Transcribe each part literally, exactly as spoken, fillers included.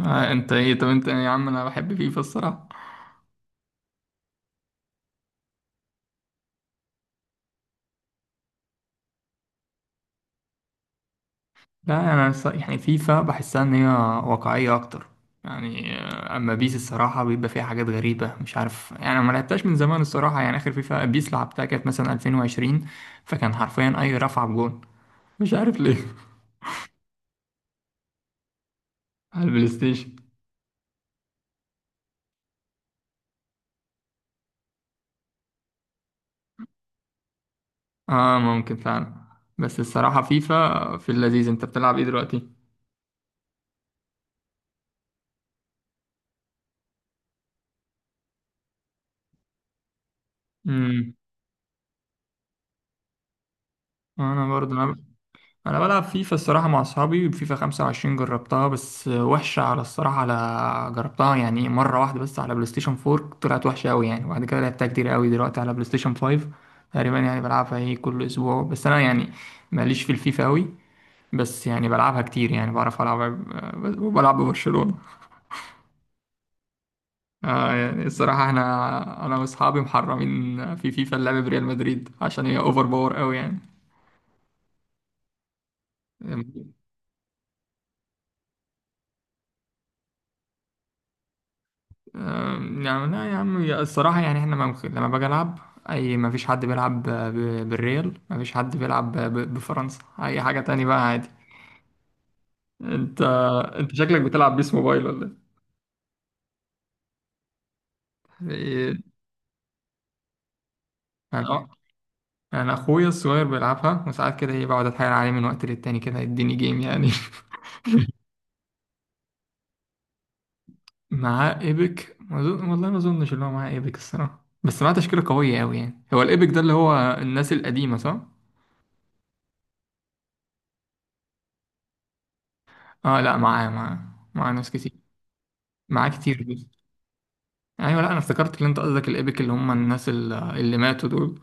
آه انت ايه طب انت يا عم انا بحب فيفا الصراحه. لا انا الص- يعني فيفا بحسها ان هي واقعيه اكتر. يعني آه، اما بيس الصراحه بيبقى فيها حاجات غريبه، مش عارف، يعني أنا ما لعبتهاش من زمان الصراحه. يعني اخر فيفا بيس لعبتها كانت مثلا ألفين وعشرين، فكان حرفيا اي رفعه بجون، مش عارف ليه. على البلاي ستيشن. اه ممكن فعلا. بس الصراحه فيفا في اللذيذ. انت بتلعب ايه دلوقتي؟ امم انا برضه انا بلعب فيفا الصراحه مع اصحابي. فيفا خمسة وعشرين جربتها بس وحشه على الصراحه، على جربتها يعني مره واحده بس على بلاي ستيشن اربعه، طلعت وحشه قوي يعني. وبعد كده لعبتها كتير قوي دلوقتي على بلاي ستيشن خمسة. تقريبا يعني بلعبها ايه كل اسبوع، بس انا يعني ماليش في الفيفا قوي. بس يعني بلعبها كتير، يعني بعرف العب. بلعب ببرشلونه. آه يعني الصراحه احنا انا واصحابي محرمين في فيفا اللعب بريال مدريد عشان هي اوفر باور قوي يعني. أم، يعني لا يا عم يا- الصراحة يعني احنا ممكن لما باجي ألعب أي ما فيش حد بيلعب ب- بالريال، ما فيش حد بيلعب ب- بفرنسا، أي حاجة تاني بقى عادي. أنت أنت شكلك بتلعب بيس موبايل ولا إيه؟ أنا أنا أخويا الصغير بيلعبها، وساعات كده إيه بقعد أتحايل عليه من وقت للتاني كده يديني جيم يعني. معاه إيبك، ما أظن- والله ما أظنش إن هو معاه إيبك الصراحة، بس معاه تشكيلة قوية أوي يعني. هو الإيبك ده اللي هو الناس القديمة صح؟ آه لا، معاه معاه معاه ناس كتير، معاه كتير بس. ايوه، لا انا افتكرت ان انت قصدك الايبك اللي هم الناس ال- اللي ماتوا دول،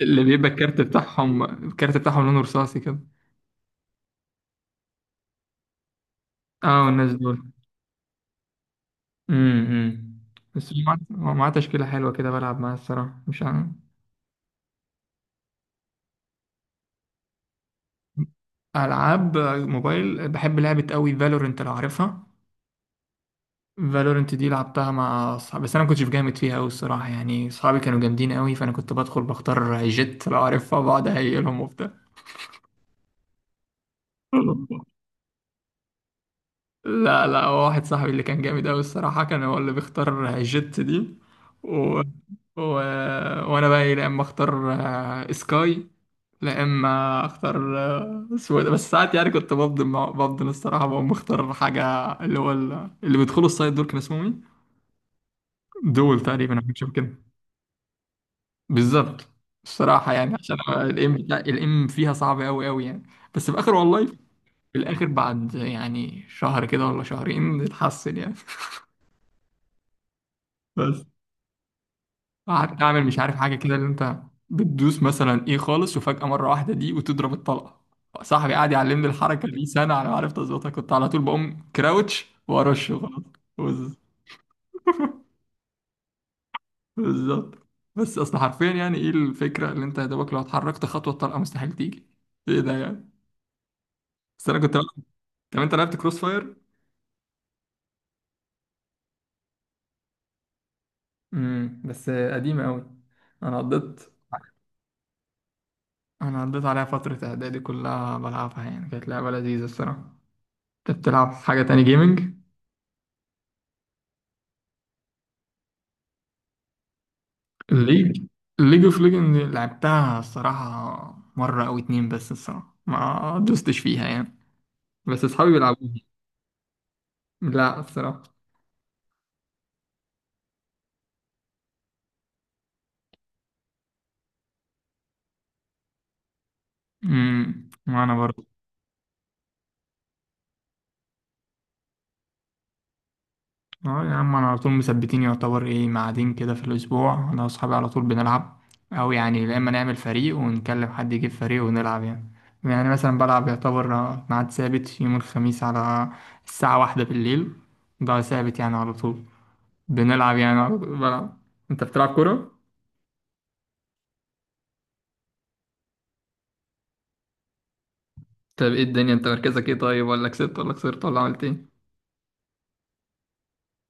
اللي بيبقى الكارت بتاعهم، الكارت بتاعهم لونه رصاصي كده. اه الناس دول. امم بس هو معاه هو معاه تشكيله حلوه كده بلعب معاها الصراحه، مش عارف. العاب موبايل بحب لعبه قوي، فالورنت لو عارفها. فالورنت دي لعبتها مع اصحابي، بس انا ما كنتش جامد فيها قوي الصراحه. يعني اصحابي كانوا جامدين قوي، فانا كنت بدخل بختار جيت لو عارفها، بقعد اهيلهم وبتاع. لا لا، هو واحد صاحبي اللي كان جامد أوي الصراحة، كان هو اللي بيختار جيت دي و... و... وأنا بقى إيه، لا إما أختار آه، سكاي، لا إما أختار آه، سويدة. بس ساعات يعني كنت بفضل مع- بفضل الصراحة بقوم بختار حاجة اللي هو ال- اللي بيدخلوا السايد دول، كان اسمهم إيه؟ دول تقريبا أو حاجة شبه كده. بالظبط الصراحة، يعني عشان الإم الإم فيها صعب أوي أوي يعني. بس في الآخر والله، في الآخر بعد يعني شهر كده ولا شهرين اتحسن يعني. بس قعدت اعمل مش عارف حاجه كده، اللي انت بتدوس مثلا ايه خالص وفجاه مره واحده دي وتضرب الطلقه. صاحبي قعد يعلمني الحركه دي سنه على ما عرفت اظبطها، كنت على طول بقوم كراوتش وارش خلاص. بز- بالظبط. بس اصل حرفيا يعني ايه الفكره، اللي انت يا دوبك لو اتحركت خطوه الطلقه مستحيل تيجي. ايه ده يعني؟ بس انا كنت بلعب. طب انت لعبت كروس فاير؟ امم بس قديمه قوي. انا قضيت انا قضيت عليها فتره اعدادي كلها بلعبها، يعني كانت لعبه لذيذه الصراحه. انت بتلعب حاجه تاني جيمنج؟ ليج ليج اوف ليجند لعبتها الصراحة مرة أو اتنين، بس الصراحة ما دوستش فيها يعني. بس أصحابي بيلعبوها. لا الصراحة. امم وأنا برضه. اه يا عم، أنا على طول مثبتين، يعتبر إيه ميعادين كده في الأسبوع أنا وأصحابي على طول بنلعب، أو يعني يا إما نعمل فريق ونكلم حد يجيب فريق ونلعب يعني. يعني مثلا بلعب يعتبر ميعاد ثابت يوم الخميس على الساعة واحدة بالليل، ده ثابت يعني على طول بنلعب، يعني على طول بلعب. أنت بتلعب كورة؟ طب ايه الدنيا، انت مركزك ايه طيب؟ ولا كسبت ولا خسرت ولا عملت ايه؟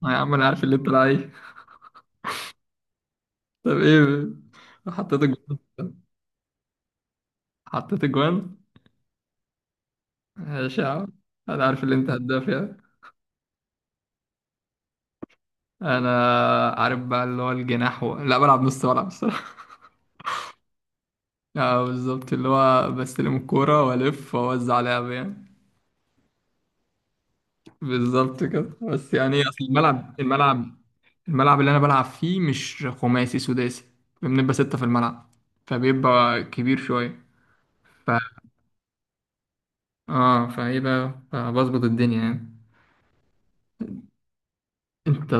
آه يا عم انا عارف اللي انت لعيب. طب ايه، حطيت الجوان؟ حطيت الجوان؟ ماشي يا عم. انا عارف اللي انت هداف يعني. انا عارف بقى اللي هو الجناح و... لا بلعب نص ملعب الصراحه. اه بالظبط، اللي هو بستلم الكوره والف واوزع لعب يعني. بالظبط كده. بس يعني ايه، اصل الملعب الملعب الملعب اللي انا بلعب فيه مش خماسي، سداسي، بنبقى ستة في الملعب، فبيبقى كبير شويه. ف اه فايه بقى، فبظبط الدنيا يعني. انت،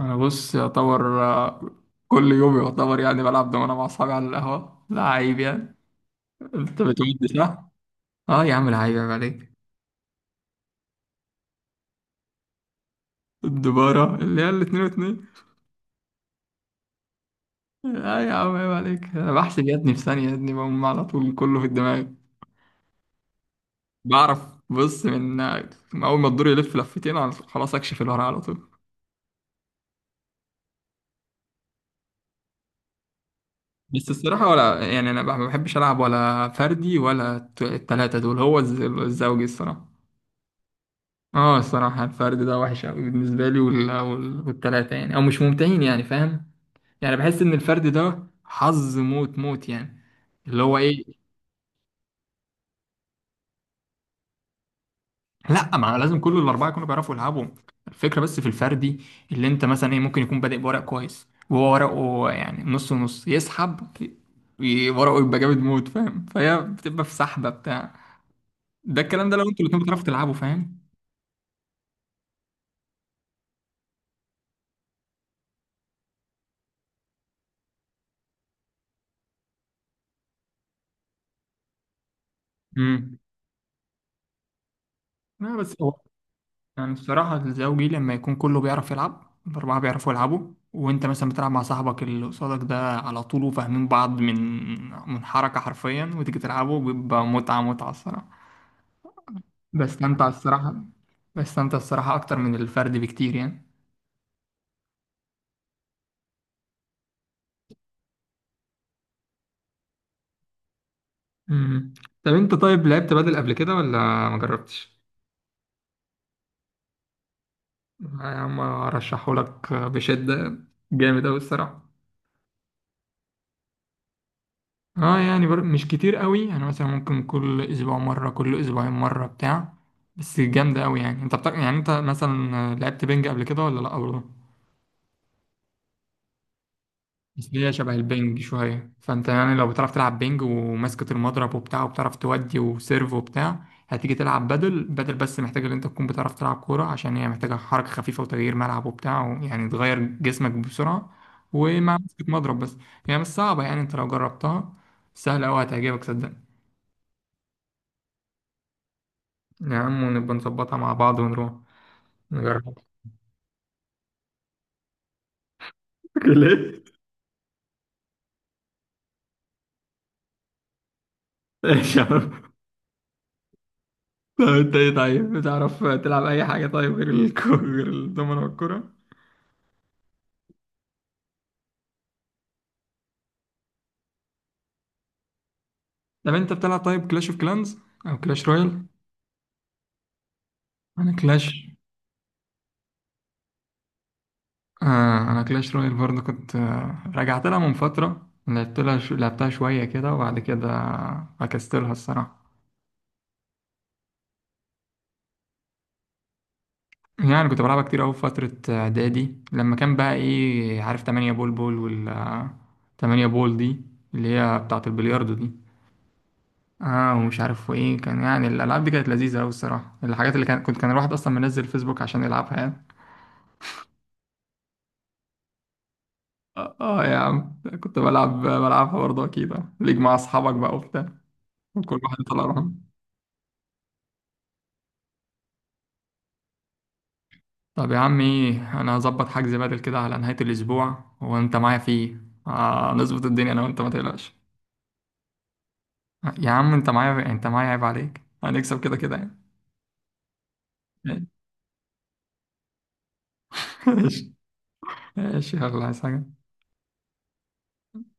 انا بص يعتبر آه، كل يوم يعتبر يعني بلعب دومنة مع اصحابي على القهوة، لعيب يعني. انت بتودي صح؟ اه يا عم لعيب، عيب عيب عليك. الدبارة اللي هي الاتنين واتنين. اه يا عم عيب عليك، انا بحسب يا ابني في ثانية يا ابني، بقوم على طول كله في الدماغ. بعرف بص من من اول ما الدور يلف لفتين على طول خلاص اكشف الورق على طول. بس الصراحة، ولا يعني أنا ما بحبش ألعب ولا فردي ولا الت- التلاتة دول، هو الز- الزوجي الصراحة. اه الصراحة الفرد ده وحش أوي بالنسبة لي، وال... وال... والتلاتة يعني أو مش ممتعين، يعني فاهم. يعني بحس إن الفرد ده حظ موت موت يعني، اللي هو إيه. لأ، ما لازم كل الأربعة يكونوا بيعرفوا يلعبوا. الفكرة بس في الفردي اللي أنت مثلا إيه، ممكن يكون بادئ بورق كويس وهو ورقه يعني نص ونص يسحب، ي- ورقه يبقى جامد موت فاهم، فهي بتبقى في سحبة بتاع. ده الكلام ده لو أنتوا الاتنين بتعرفوا تلعبوا فاهم. امم لا بس هو، يعني الصراحة الزوجي لما يكون كله بيعرف يلعب، الأربعة بيعرفوا يلعبوا وأنت مثلا بتلعب مع صاحبك اللي قصادك ده على طول وفاهمين بعض من من حركة حرفيا وتيجي تلعبوا، بيبقى متعة متعة الصراحة. بستمتع الصراحة. بستمتع الصراحة أكتر من الفرد بكتير يعني. مم. طب انت طيب، لعبت بدل قبل كده ولا ما جربتش؟ يا عم ارشحه لك بشدة، جامد اوي الصراحة. اه يعني بر- مش كتير قوي يعني، مثلا ممكن كل اسبوع مرة، كل اسبوعين مرة بتاع. بس جامدة قوي يعني. انت بتاع يعني، انت مثلا لعبت بينج قبل كده ولا لا برضه؟ بس هي شبه البينج شوية، فانت يعني لو بتعرف تلعب بينج وماسكة المضرب وبتاع وبتعرف تودي وسيرف وبتاع هتيجي تلعب بدل بدل، بس محتاجة ان انت تكون بتعرف تلعب كورة عشان هي محتاجة حركة خفيفة وتغيير ملعب وبتاع، يعني تغير جسمك بسرعة ومع مسكة مضرب بس. يعني مش صعبة يعني، انت لو جربتها سهلة قوي، هتعجبك صدقني. يا عم ونبقى نظبطها مع بعض ونروح نجرب. ليه؟ ايش يا عم؟ طب انت ايه طيب، بتعرف تلعب اي حاجة طيب غير الكو... غير الدومينو والكرة؟ طب انت بتلعب طيب كلاش اوف كلانز او كلاش رويال؟ انا كلاش آه انا كلاش رويال برضه كنت آه، رجعت لها من فترة، لعبت لها شو... لعبتها شوية كده وبعد كده فكستلها الصراحة. يعني كنت بلعبها كتير أوي في فترة آه، إعدادي لما كان بقى إيه عارف تمانية بول بول وال آه، تمانية بول دي اللي هي بتاعة البلياردو دي. اه ومش عارف وايه كان، يعني الالعاب دي كانت لذيذه قوي الصراحه، الحاجات اللي كان كنت كان الواحد اصلا منزل فيسبوك عشان يلعبها يعني. اه آه يا عم كنت بلعب بلعبها برضه اكيد آه. ليج مع اصحابك بقى وبتاع، وكل واحد يطلع روحه. طب يا عم ايه، انا هظبط حجز بدل كده على نهايه الاسبوع وانت معايا فيه. آه نظبط الدنيا انا وانت ما تقلقش. يا عم انت معايا، انت معايا عيب عليك، هنكسب كده كده يعني. ماشي. ماشي يلا، عايز حاجه.